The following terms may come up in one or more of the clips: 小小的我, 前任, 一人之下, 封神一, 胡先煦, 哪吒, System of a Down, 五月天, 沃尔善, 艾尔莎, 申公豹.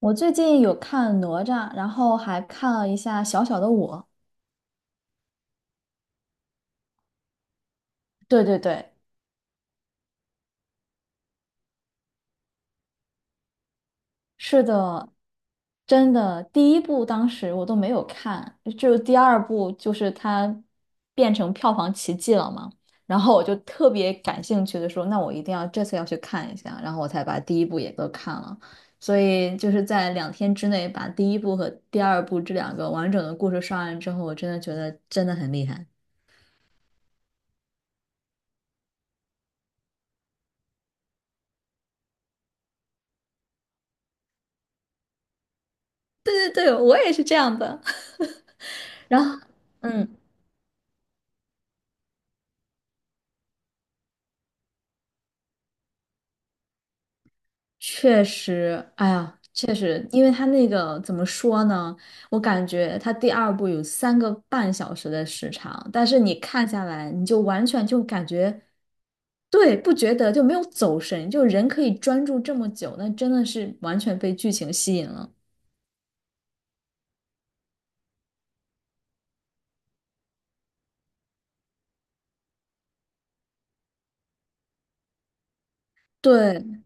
我最近有看哪吒，然后还看了一下《小小的我》。对对对，是的，真的，第一部当时我都没有看，就第二部就是它变成票房奇迹了嘛，然后我就特别感兴趣的说，那我一定要这次要去看一下，然后我才把第一部也都看了，所以就是在2天之内把第一部和第二部这两个完整的故事刷完之后，我真的觉得真的很厉害。对对对，我也是这样的。然后，嗯，确实，哎呀，确实，因为他那个怎么说呢？我感觉他第二部有3个半小时的时长，但是你看下来，你就完全就感觉，对，不觉得就没有走神，就人可以专注这么久，那真的是完全被剧情吸引了。对，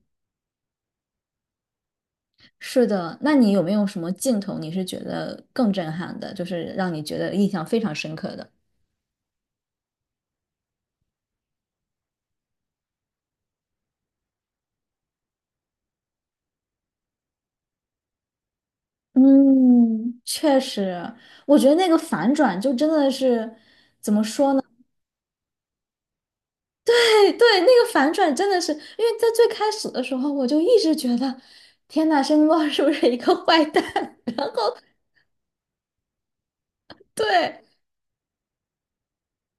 是的。那你有没有什么镜头你是觉得更震撼的，就是让你觉得印象非常深刻的？嗯，确实，我觉得那个反转就真的是，对对，那个反转真的是，因为在最开始的时候，我就一直觉得，天呐，申公豹是不是一个坏蛋？对，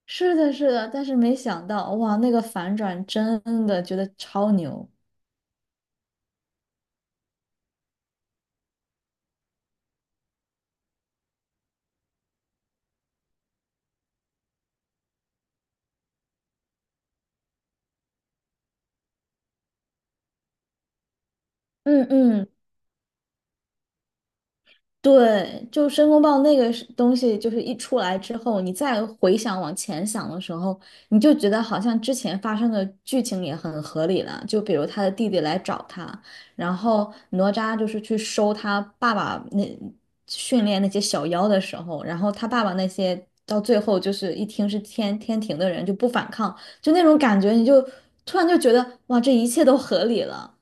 是的，是的，但是没想到，哇，那个反转真的觉得超牛。嗯嗯。对，就申公豹那个是东西，就是一出来之后，你再回想往前想的时候，你就觉得好像之前发生的剧情也很合理了。就比如他的弟弟来找他，然后哪吒就是去收他爸爸那训练那些小妖的时候，然后他爸爸那些到最后就是一听是天天庭的人就不反抗，就那种感觉，你就突然就觉得哇，这一切都合理了。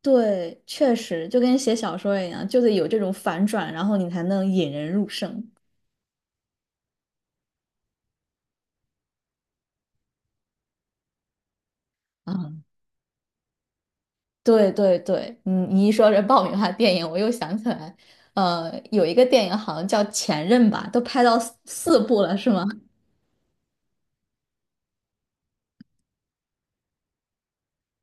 对，确实就跟写小说一样，就得有这种反转，然后你才能引人入胜。啊，对对对，你一说这爆米花电影，我又想起来，有一个电影好像叫《前任》吧，都拍到四部了，是吗？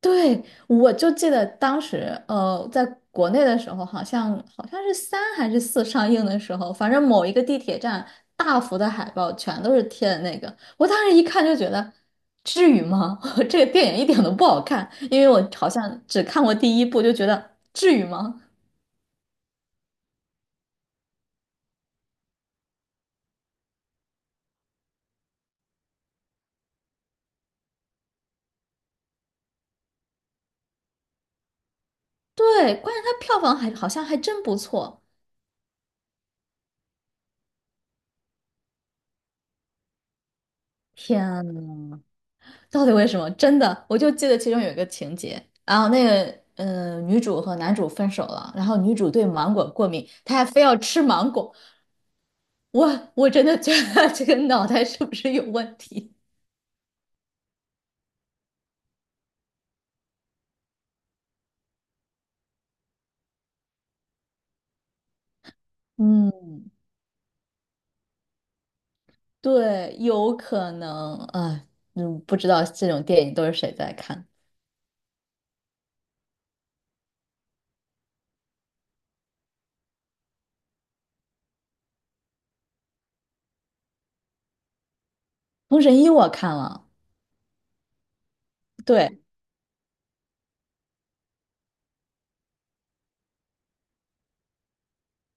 对，我就记得当时，在国内的时候，好像是三还是四上映的时候，反正某一个地铁站大幅的海报全都是贴的那个，我当时一看就觉得，至于吗？这个电影一点都不好看，因为我好像只看过第一部，就觉得至于吗？对，关键它票房还好像还真不错。天呐！到底为什么？真的，我就记得其中有一个情节，然后那个女主和男主分手了，然后女主对芒果过敏，她还非要吃芒果，我真的觉得这个脑袋是不是有问题？嗯，对，有可能啊，不知道这种电影都是谁在看。《封神一》我看了，对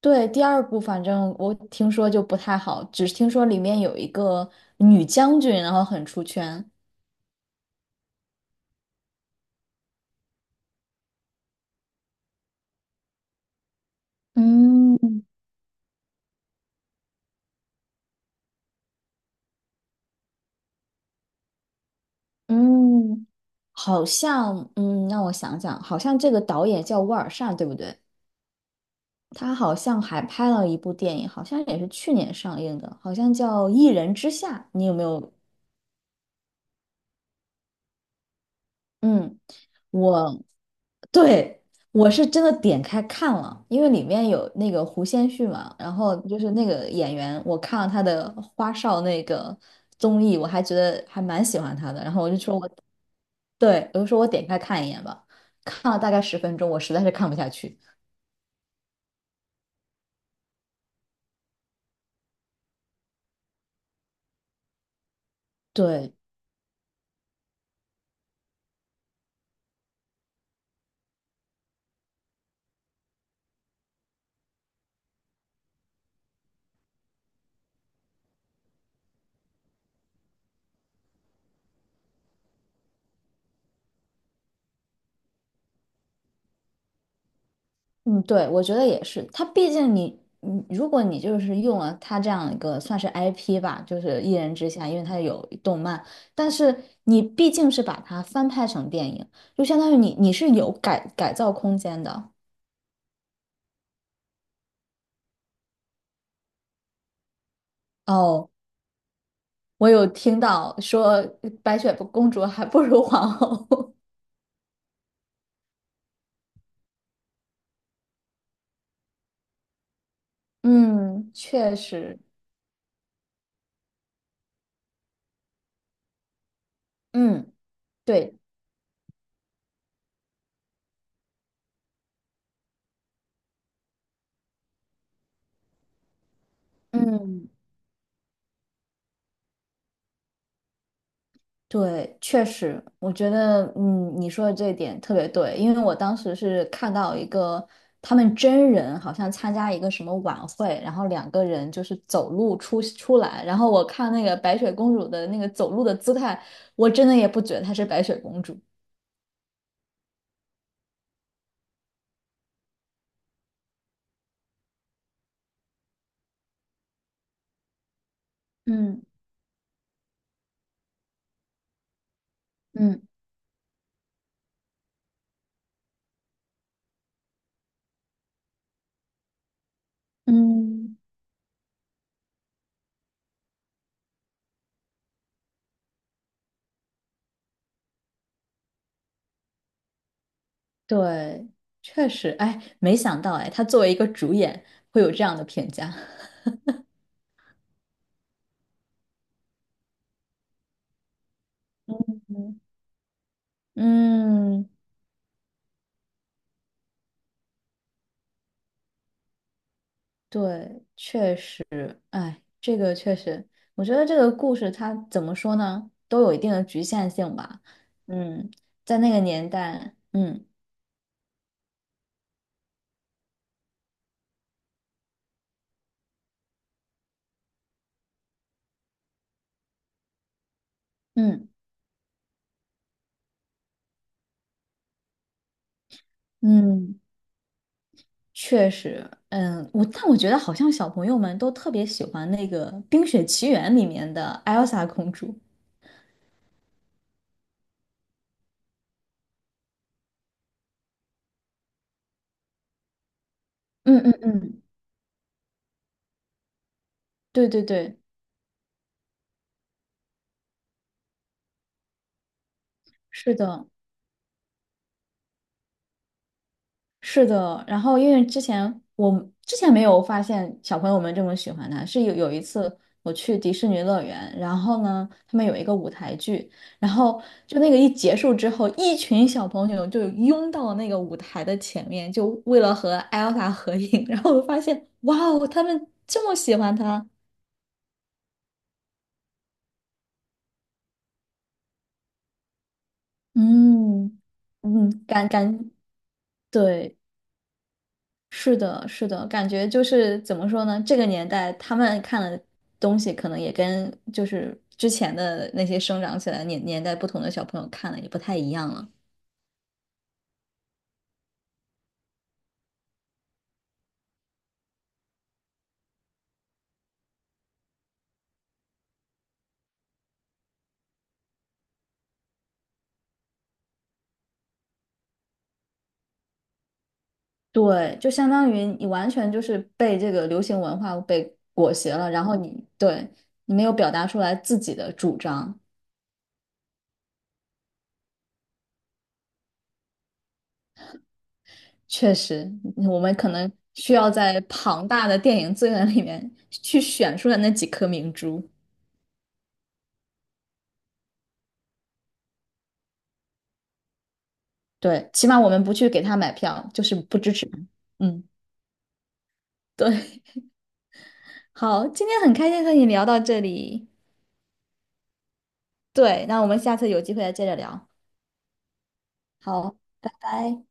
对，第二部反正我听说就不太好，只是听说里面有一个女将军，然后很出圈。嗯，嗯，好像，让我想想，好像这个导演叫沃尔善，对不对？他好像还拍了一部电影，好像也是去年上映的，好像叫《一人之下》。你有没有？嗯，我，对，我是真的点开看了，因为里面有那个胡先煦嘛，然后就是那个演员，我看了他的花少那个综艺，我还觉得还蛮喜欢他的，然后我就说我。对，我就说我点开看一眼吧，看了大概10分钟，我实在是看不下去。对，嗯，对，我觉得也是，它毕竟你，如果你就是用了它这样一个算是 IP 吧，就是一人之下，因为它有动漫，但是你毕竟是把它翻拍成电影，就相当于你是有改造空间的。哦，我有听到说白雪公主还不如皇后。嗯，确实，嗯，对，嗯。对，确实，我觉得，你说的这一点特别对，因为我当时是看到一个他们真人好像参加一个什么晚会，然后两个人就是走路出来，然后我看那个白雪公主的那个走路的姿态，我真的也不觉得她是白雪公主。嗯嗯嗯，对，确实，哎，没想到，哎，她作为一个主演会有这样的评价。嗯，嗯，对，确实，哎，这个确实，我觉得这个故事它怎么说呢，都有一定的局限性吧。嗯，在那个年代，嗯嗯嗯，确实，我觉得好像小朋友们都特别喜欢那个《冰雪奇缘》里面的艾尔莎公主。嗯嗯嗯，对对对，是的。是的，然后因为我之前没有发现小朋友们这么喜欢他，是有一次我去迪士尼乐园，然后呢，他们有一个舞台剧，然后就那个一结束之后，一群小朋友就拥到那个舞台的前面，就为了和艾尔法合影，然后我发现，哇哦，他们这么喜欢他，嗯嗯，对。是的，是的，感觉就是怎么说呢？这个年代他们看的东西，可能也跟就是之前的那些生长起来的年代不同的小朋友看的也不太一样了。对，就相当于你完全就是被这个流行文化被裹挟了，然后你没有表达出来自己的主张。确实，我们可能需要在庞大的电影资源里面去选出来那几颗明珠。对，起码我们不去给他买票，就是不支持他嗯。对，好，今天很开心和你聊到这里。对，那我们下次有机会再接着聊。好，拜拜。